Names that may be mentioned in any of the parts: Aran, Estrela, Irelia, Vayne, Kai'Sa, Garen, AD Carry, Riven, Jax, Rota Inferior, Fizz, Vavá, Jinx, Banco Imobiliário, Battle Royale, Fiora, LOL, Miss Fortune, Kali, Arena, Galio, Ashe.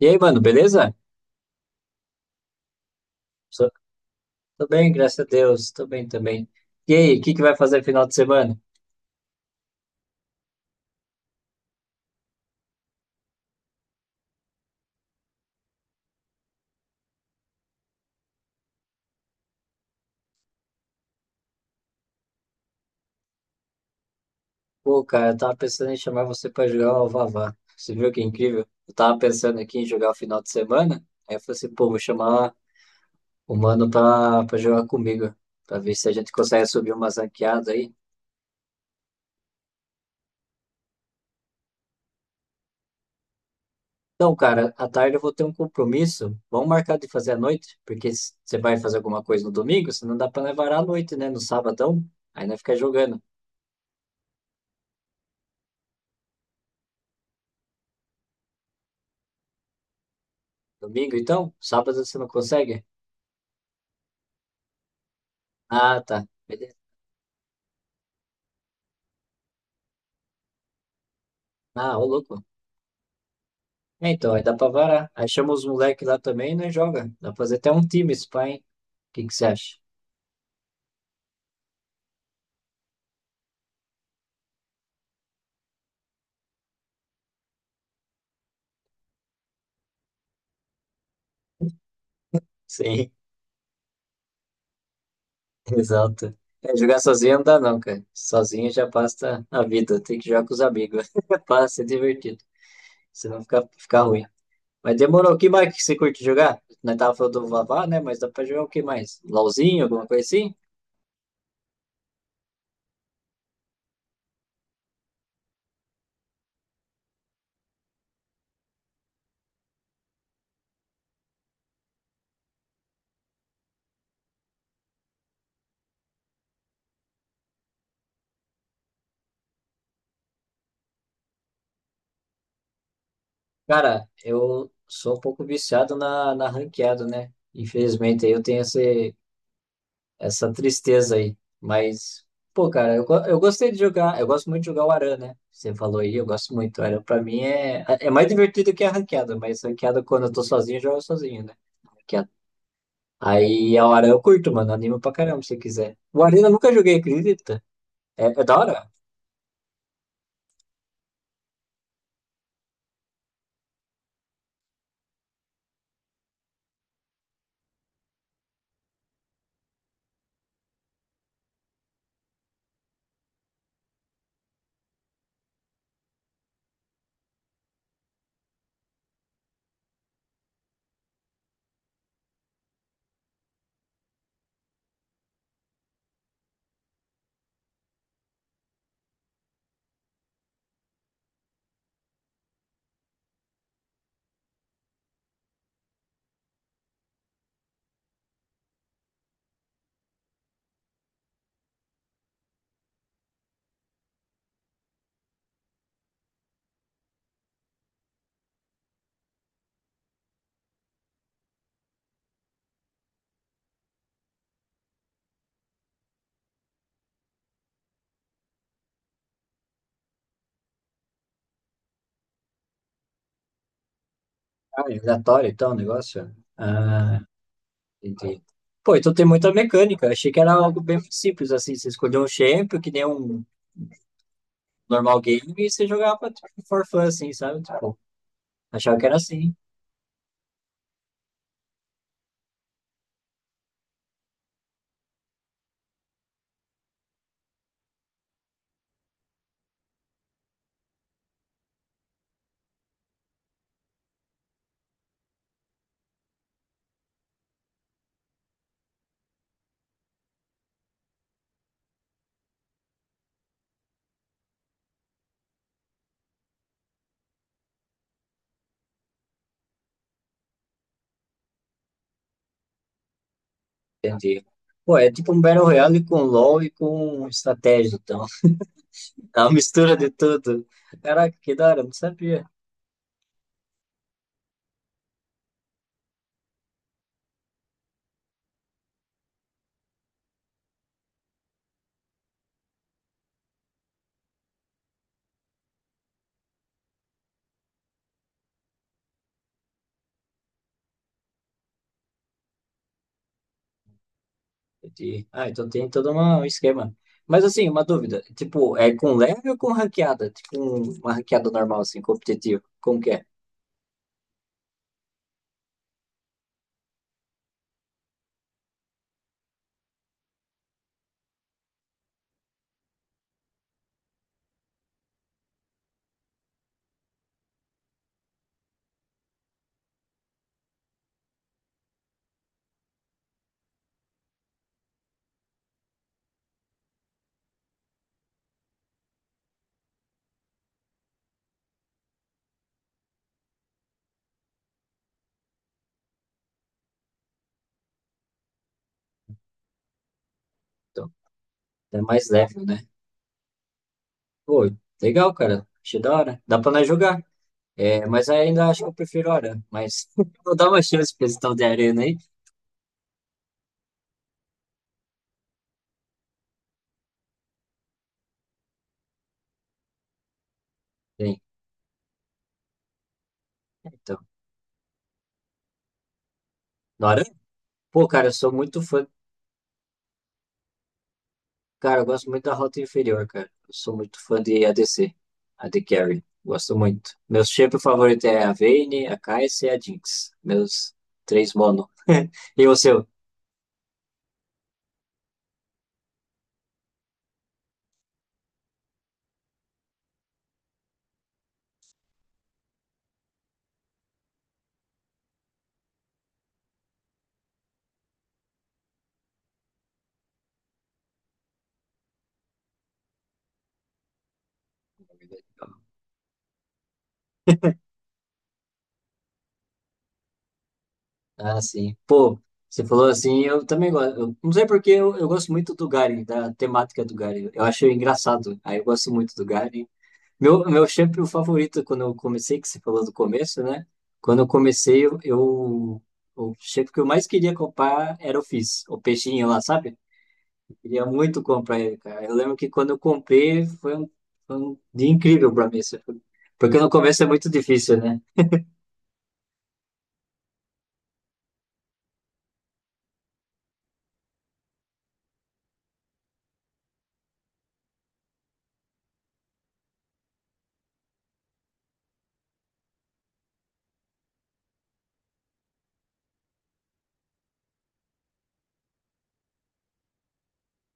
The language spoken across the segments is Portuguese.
E aí, mano, beleza? Sou- Tô bem, graças a Deus. Tô bem também. E aí, o que que vai fazer final de semana? Pô, cara, eu tava pensando em chamar você pra jogar o Vavá. Você viu que incrível? Eu tava pensando aqui em jogar o final de semana. Aí eu falei assim, pô, vou chamar o mano pra jogar comigo. Pra ver se a gente consegue subir umas ranqueadas aí. Então, cara, à tarde eu vou ter um compromisso. Vamos marcar de fazer à noite? Porque você vai fazer alguma coisa no domingo, você não dá pra levar à noite, né? No sabadão. Aí nós fica jogando. Domingo, então? Sábado você não consegue? Ah, tá. Beleza. Ah, ô louco. É, então, aí dá pra varar. Aí chama os moleques lá também, né? Joga. Dá pra fazer até um time, esse pai, hein? O que que você acha? Sim, exato. É, jogar sozinho não dá não, cara. Sozinho já passa a vida. Tem que jogar com os amigos. para ser divertido. Senão fica ruim. Mas demorou. O que mais que você curte jogar? Nós tava falando do Vavá, né? Mas dá pra jogar o que mais? LOLzinho, alguma coisa assim? Cara, eu sou um pouco viciado na ranqueada, né? Infelizmente, aí eu tenho esse essa tristeza aí. Mas, pô, cara, eu gostei de jogar. Eu gosto muito de jogar o Aran, né? Você falou aí, eu gosto muito. O Aran pra mim é mais divertido que a ranqueada, mas ranqueada quando eu tô sozinho, eu jogo sozinho, né? Ranqueada. Aí a Aran eu curto, mano. Anima pra caramba se quiser. O Aran eu nunca joguei, acredita? É, é da hora? Ah, é aleatório então o negócio? Ah, entendi. Pô, então tem muita mecânica. Achei que era algo bem simples, assim. Você escolheu um champion, que nem um normal game, e você jogava tipo, for fun, assim, sabe? Tipo, achava que era assim. Entendi. Pô, é tipo um Battle Royale com LoL e com estratégia, então. É uma mistura de tudo. Caraca, que da hora, não sabia. Entendi. Ah, então tem todo um esquema. Mas assim, uma dúvida. Tipo, é com leve ou com ranqueada? Tipo, uma ranqueada normal, assim, competitiva. Como que é? Então, é mais leve, né? Pô, legal, cara. Achei da hora. Dá pra nós jogar. É, mas ainda acho que eu prefiro Aran. Mas vou dar uma chance pra esse tal de Arena aí. Sim. Então, no Aran? Pô, cara, eu sou muito fã. Cara, eu gosto muito da Rota Inferior, cara. Eu sou muito fã de ADC, AD Carry. Gosto muito. Meus champions favoritos é a Vayne, a Kai'Sa e a Jinx. Meus três mono. E o seu? Ah, sim. Pô, você falou assim, eu também gosto. Eu não sei porque eu gosto muito do Garen, da temática do Garen. Eu acho engraçado. Aí eu gosto muito do Garen. Meu shampoo favorito, é quando eu comecei, que você falou do começo, né? Quando eu comecei, o shampoo que eu mais queria comprar era o Fizz, o peixinho lá, sabe? Eu queria muito comprar ele, cara. Eu lembro que quando eu comprei, foi um dia incrível pra mim. Assim, porque no começo é muito difícil, né?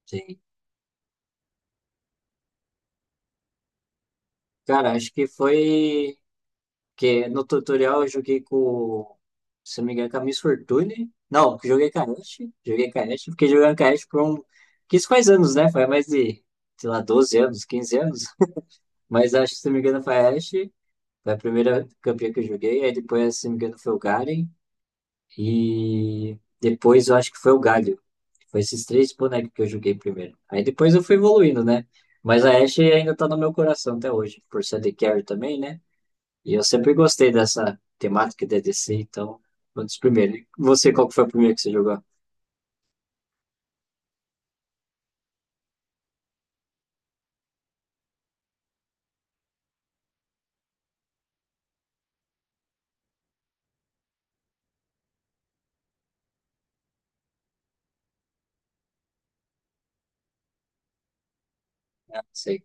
Sim. Cara, acho que foi. Porque no tutorial eu joguei com, se não me engano, com a Miss Fortune. Não, joguei com a Ashe. Joguei com a Ashe. Fiquei jogando com a Ashe por um... Quis faz anos, né? Foi mais de, sei lá, 12 anos, 15 anos. Mas acho que, se não me engano, foi a Ashe. Foi a primeira campeã que eu joguei. Aí depois, se não me engano, foi o Garen. E depois eu acho que foi o Galio. Foi esses três bonecos que eu joguei primeiro. Aí depois eu fui evoluindo, né? Mas a Ashe ainda tá no meu coração até hoje. Por ser de carry também, né? E eu sempre gostei dessa temática de DC, então, foi um dos primeiros. E você, qual que foi o primeiro que você jogou? Ah, sei.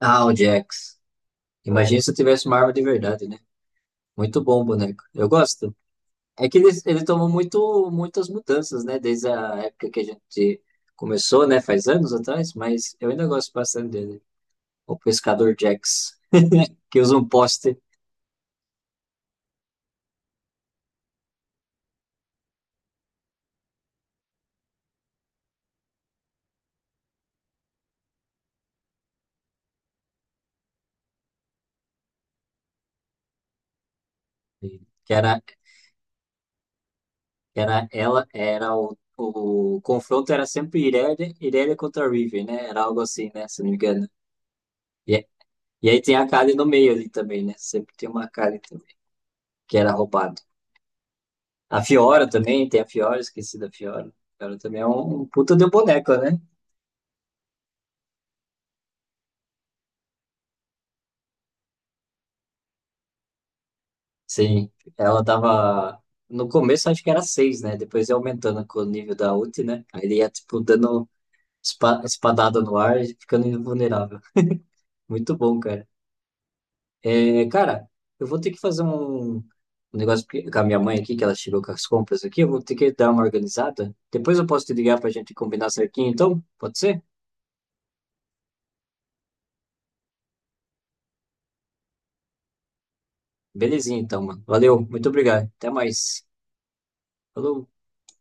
Ah, o Jax. Imagina se eu tivesse uma arma de verdade, né? Muito bom o boneco. Eu gosto. É que ele tomou muito, muitas mudanças, né? Desde a época que a gente começou, né? Faz anos atrás, mas eu ainda gosto bastante dele. O pescador Jax, que usa um poste, que era, Era ela, era o confronto era sempre Irelia, Irelia contra Riven, né? Era algo assim, né? Se não me engano. E, e aí tem a Kali no meio ali também, né? Sempre tem uma Kali também, que era roubado. A Fiora também, tem a Fiora, esqueci da Fiora. A Fiora também é um puta de boneca, né? Sim, ela tava. No começo acho que era seis, né? Depois ia aumentando com o nível da ult, né? Aí ele ia, tipo, dando espadada no ar e ficando invulnerável. Muito bom, cara. É, cara, eu vou ter que fazer um negócio com a minha mãe aqui, que ela chegou com as compras aqui. Eu vou ter que dar uma organizada. Depois eu posso te ligar pra gente combinar certinho, então? Pode ser? Belezinha, então, mano. Valeu, muito obrigado. Até mais. Falou.